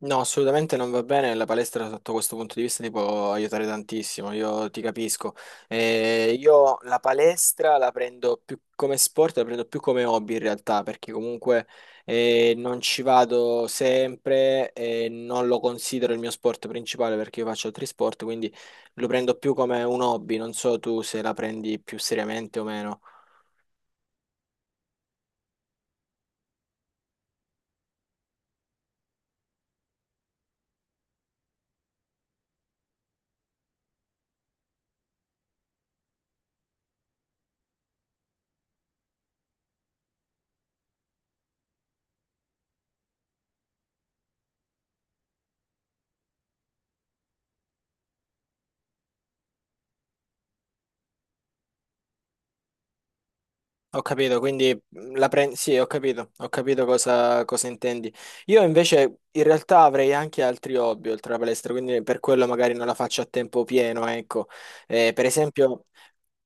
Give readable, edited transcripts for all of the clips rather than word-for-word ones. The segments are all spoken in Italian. No, assolutamente non va bene. La palestra sotto questo punto di vista ti può aiutare tantissimo, io ti capisco. Io la palestra la prendo più come sport, la prendo più come hobby in realtà, perché comunque non ci vado sempre e non lo considero il mio sport principale perché io faccio altri sport, quindi lo prendo più come un hobby. Non so tu se la prendi più seriamente o meno. Ho capito, quindi la prendi. Sì, ho capito cosa intendi. Io invece in realtà avrei anche altri hobby oltre alla palestra, quindi per quello magari non la faccio a tempo pieno, ecco. Per esempio,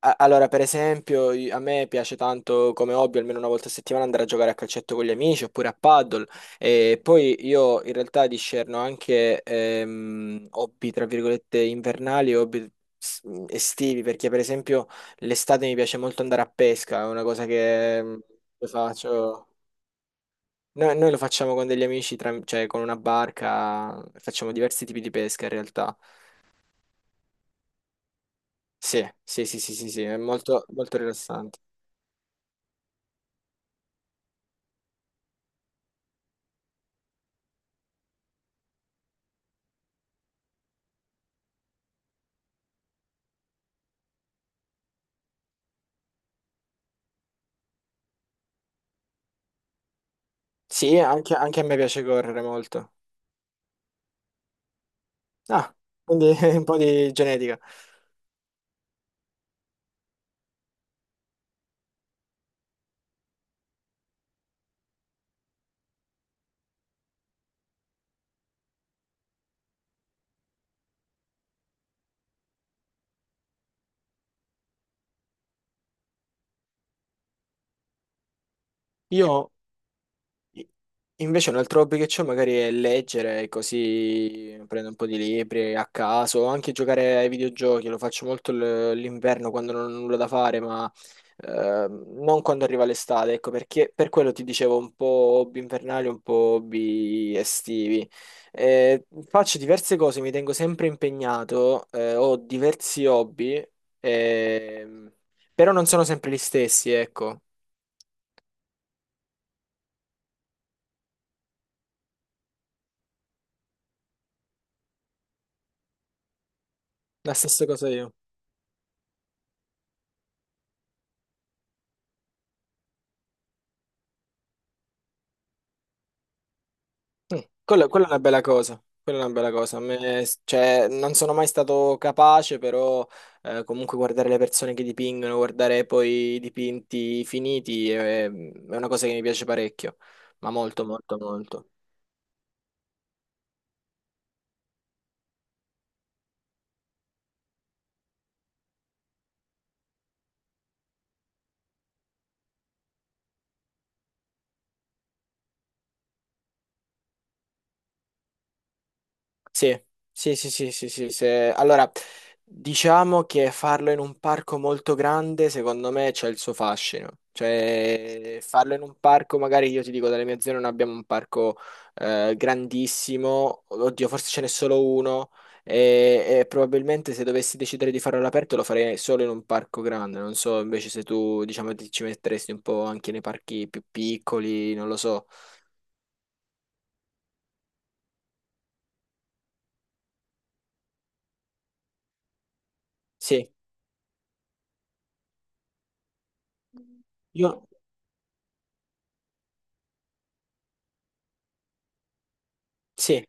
allora, per esempio, a me piace tanto come hobby almeno una volta a settimana andare a giocare a calcetto con gli amici oppure a paddle e poi io in realtà discerno anche hobby tra virgolette invernali e hobby s- estivi perché per esempio l'estate mi piace molto andare a pesca, è una cosa che io faccio. Noi lo facciamo con degli amici, cioè con una barca, facciamo diversi tipi di pesca in realtà. Sì, sì, sì, sì, sì, sì, è molto molto rilassante. Sì, anche a me piace correre molto. Ah, quindi un po' di genetica. Io invece un altro hobby che ho magari è leggere, così prendo un po' di libri a caso, o anche giocare ai videogiochi, lo faccio molto l'inverno quando non ho nulla da fare, ma non quando arriva l'estate, ecco perché per quello ti dicevo un po' hobby invernali, un po' hobby estivi. Faccio diverse cose, mi tengo sempre impegnato, ho diversi hobby, ehm, però non sono sempre gli stessi, ecco, la stessa cosa io. Quella, quella è una bella cosa, quella è una bella cosa. A me, cioè, non sono mai stato capace, però comunque guardare le persone che dipingono, guardare poi i dipinti finiti, è una cosa che mi piace parecchio, ma molto, molto, molto. Sì, sì, sì, sì, sì, sì, allora, diciamo che farlo in un parco molto grande, secondo me, c'è il suo fascino. Cioè, farlo in un parco, magari io ti dico, dalle mie zone non abbiamo un parco grandissimo, oddio, forse ce n'è solo uno, e probabilmente se dovessi decidere di farlo all'aperto lo farei solo in un parco grande. Non so, invece se tu, diciamo, ci metteresti un po' anche nei parchi più piccoli, non lo so. Sì, io... Sì.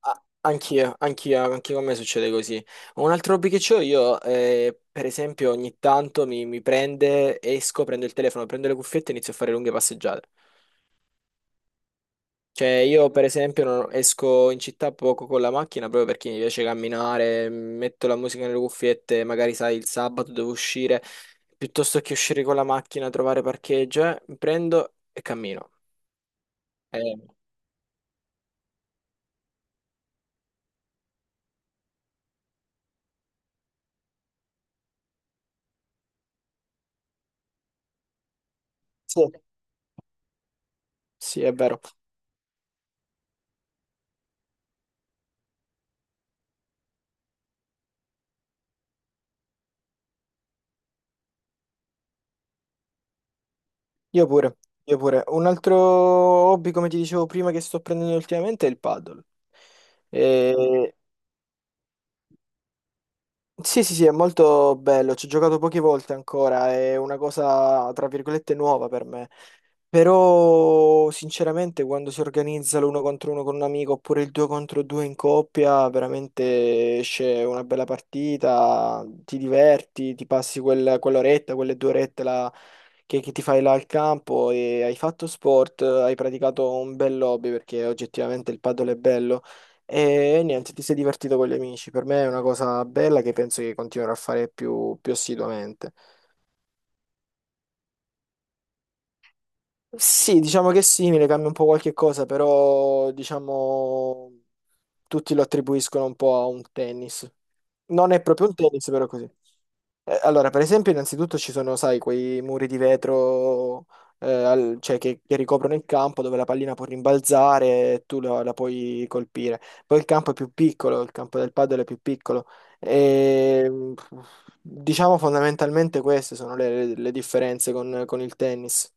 Anch'io, anch'io, anche con me succede così. Un altro hobby che ho io, per esempio, ogni tanto mi prende, esco, prendo il telefono, prendo le cuffiette e inizio a fare lunghe passeggiate. Cioè, io per esempio esco in città poco con la macchina proprio perché mi piace camminare, metto la musica nelle cuffiette, magari sai, il sabato devo uscire, piuttosto che uscire con la macchina, trovare parcheggio, prendo e cammino. Eh, sì, sì, è vero. Io pure, io pure. Un altro hobby, come ti dicevo prima, che sto prendendo ultimamente è il paddle. Mm. E, sì, sì, sì, è molto bello, ci ho giocato poche volte ancora, è una cosa, tra virgolette, nuova per me. Però, sinceramente, quando si organizza l'uno contro uno con un amico oppure il due contro due in coppia, veramente esce una bella partita, ti diverti, ti passi quell'oretta, quelle due orette là che ti fai là al campo e hai fatto sport, hai praticato un bel hobby perché oggettivamente il padel è bello. E niente, ti sei divertito con gli amici. Per me è una cosa bella che penso che continuerò a fare più assiduamente. Sì, diciamo che è simile, cambia un po' qualche cosa, però diciamo tutti lo attribuiscono un po' a un tennis. Non è proprio un tennis, però è così. Allora, per esempio, innanzitutto ci sono, sai, quei muri di vetro cioè, che ricoprono il campo dove la pallina può rimbalzare e tu la puoi colpire. Poi il campo è più piccolo, il campo del padel è più piccolo. E, diciamo fondamentalmente queste sono le differenze con il tennis.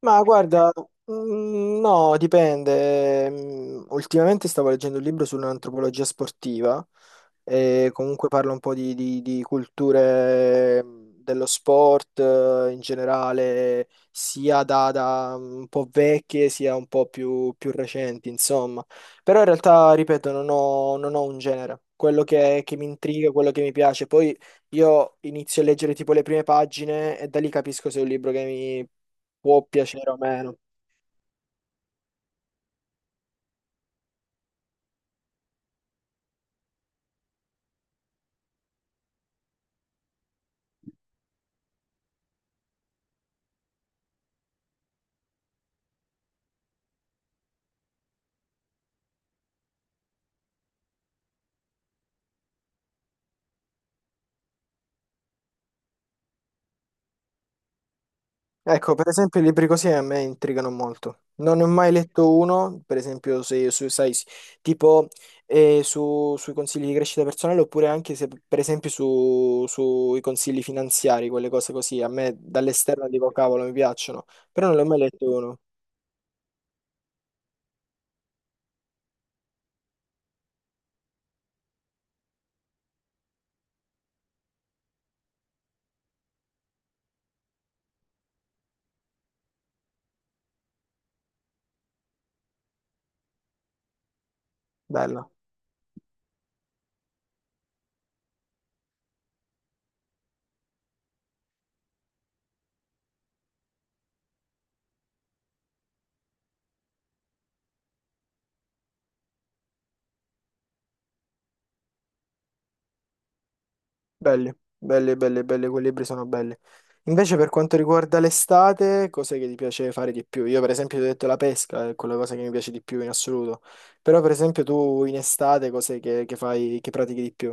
Ma guarda, no, dipende. Ultimamente stavo leggendo un libro sull'antropologia sportiva e comunque parla un po' di culture dello sport in generale, sia da un po' vecchie sia un po' più recenti, insomma. Però in realtà, ripeto, non ho un genere. Quello che mi intriga, quello che mi piace. Poi io inizio a leggere tipo le prime pagine e da lì capisco se è un libro che mi può piacere o meno. Ecco, per esempio, i libri così a me intrigano molto. Non ne ho mai letto uno, per esempio, se, su- sai, s- tipo sui consigli di crescita personale, oppure anche se, per esempio, sui consigli finanziari, quelle cose così. A me dall'esterno dico, cavolo, mi piacciono, però non ne ho mai letto uno. Bello. Belle, belle, belle, belle, quei libri sono belle. Invece per quanto riguarda l'estate, cos'è che ti piace fare di più? Io per esempio ti ho detto la pesca, è quella cosa che mi piace di più in assoluto. Però per esempio tu in estate cos'è che fai, che pratichi di più?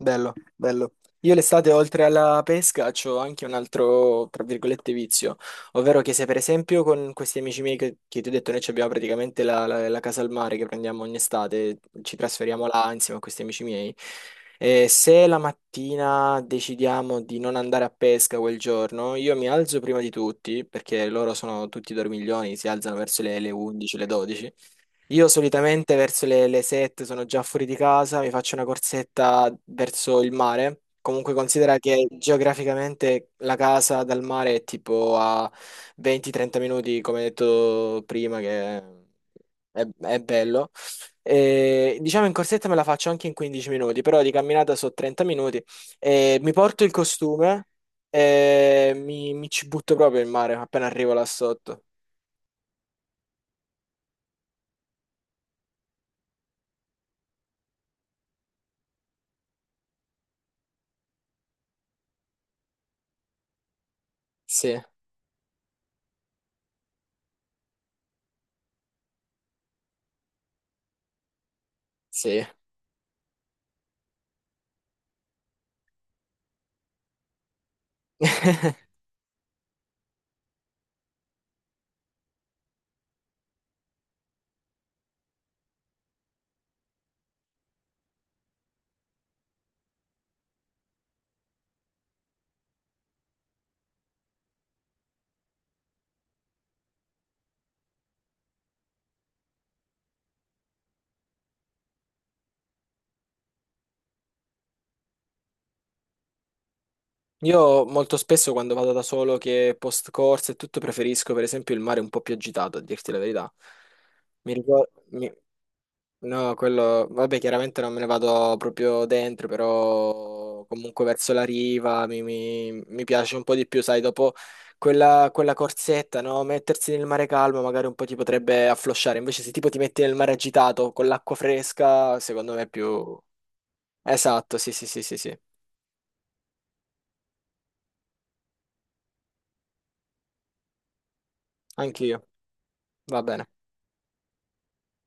Bello, bello. Io l'estate, oltre alla pesca, ho anche un altro, tra virgolette, vizio, ovvero che se per esempio con questi amici miei che ti ho detto, noi, ci abbiamo praticamente la casa al mare che prendiamo ogni estate, ci trasferiamo là insieme a questi amici miei, e se la mattina decidiamo di non andare a pesca quel giorno, io mi alzo prima di tutti, perché loro sono tutti dormiglioni, si alzano verso le 11, le 12. Io solitamente verso le 7 sono già fuori di casa, mi faccio una corsetta verso il mare. Comunque considera che geograficamente la casa dal mare è tipo a 20-30 minuti, come detto prima, che è bello. E, diciamo in corsetta me la faccio anche in 15 minuti, però di camminata so 30 minuti. E mi porto il costume e mi ci butto proprio in mare appena arrivo là sotto. Sì, sì. Io molto spesso quando vado da solo che post corsa e tutto preferisco per esempio il mare un po' più agitato, a dirti la verità. Mi ricordo... No, quello... Vabbè, chiaramente non me ne vado proprio dentro, però comunque verso la riva mi piace un po' di più, sai, dopo quella corsetta, no? Mettersi nel mare calmo magari un po' ti potrebbe afflosciare, invece se tipo ti metti nel mare agitato con l'acqua fresca, secondo me è più... Esatto, sì, sì, sì, sì, sì. Anch'io. Va bene.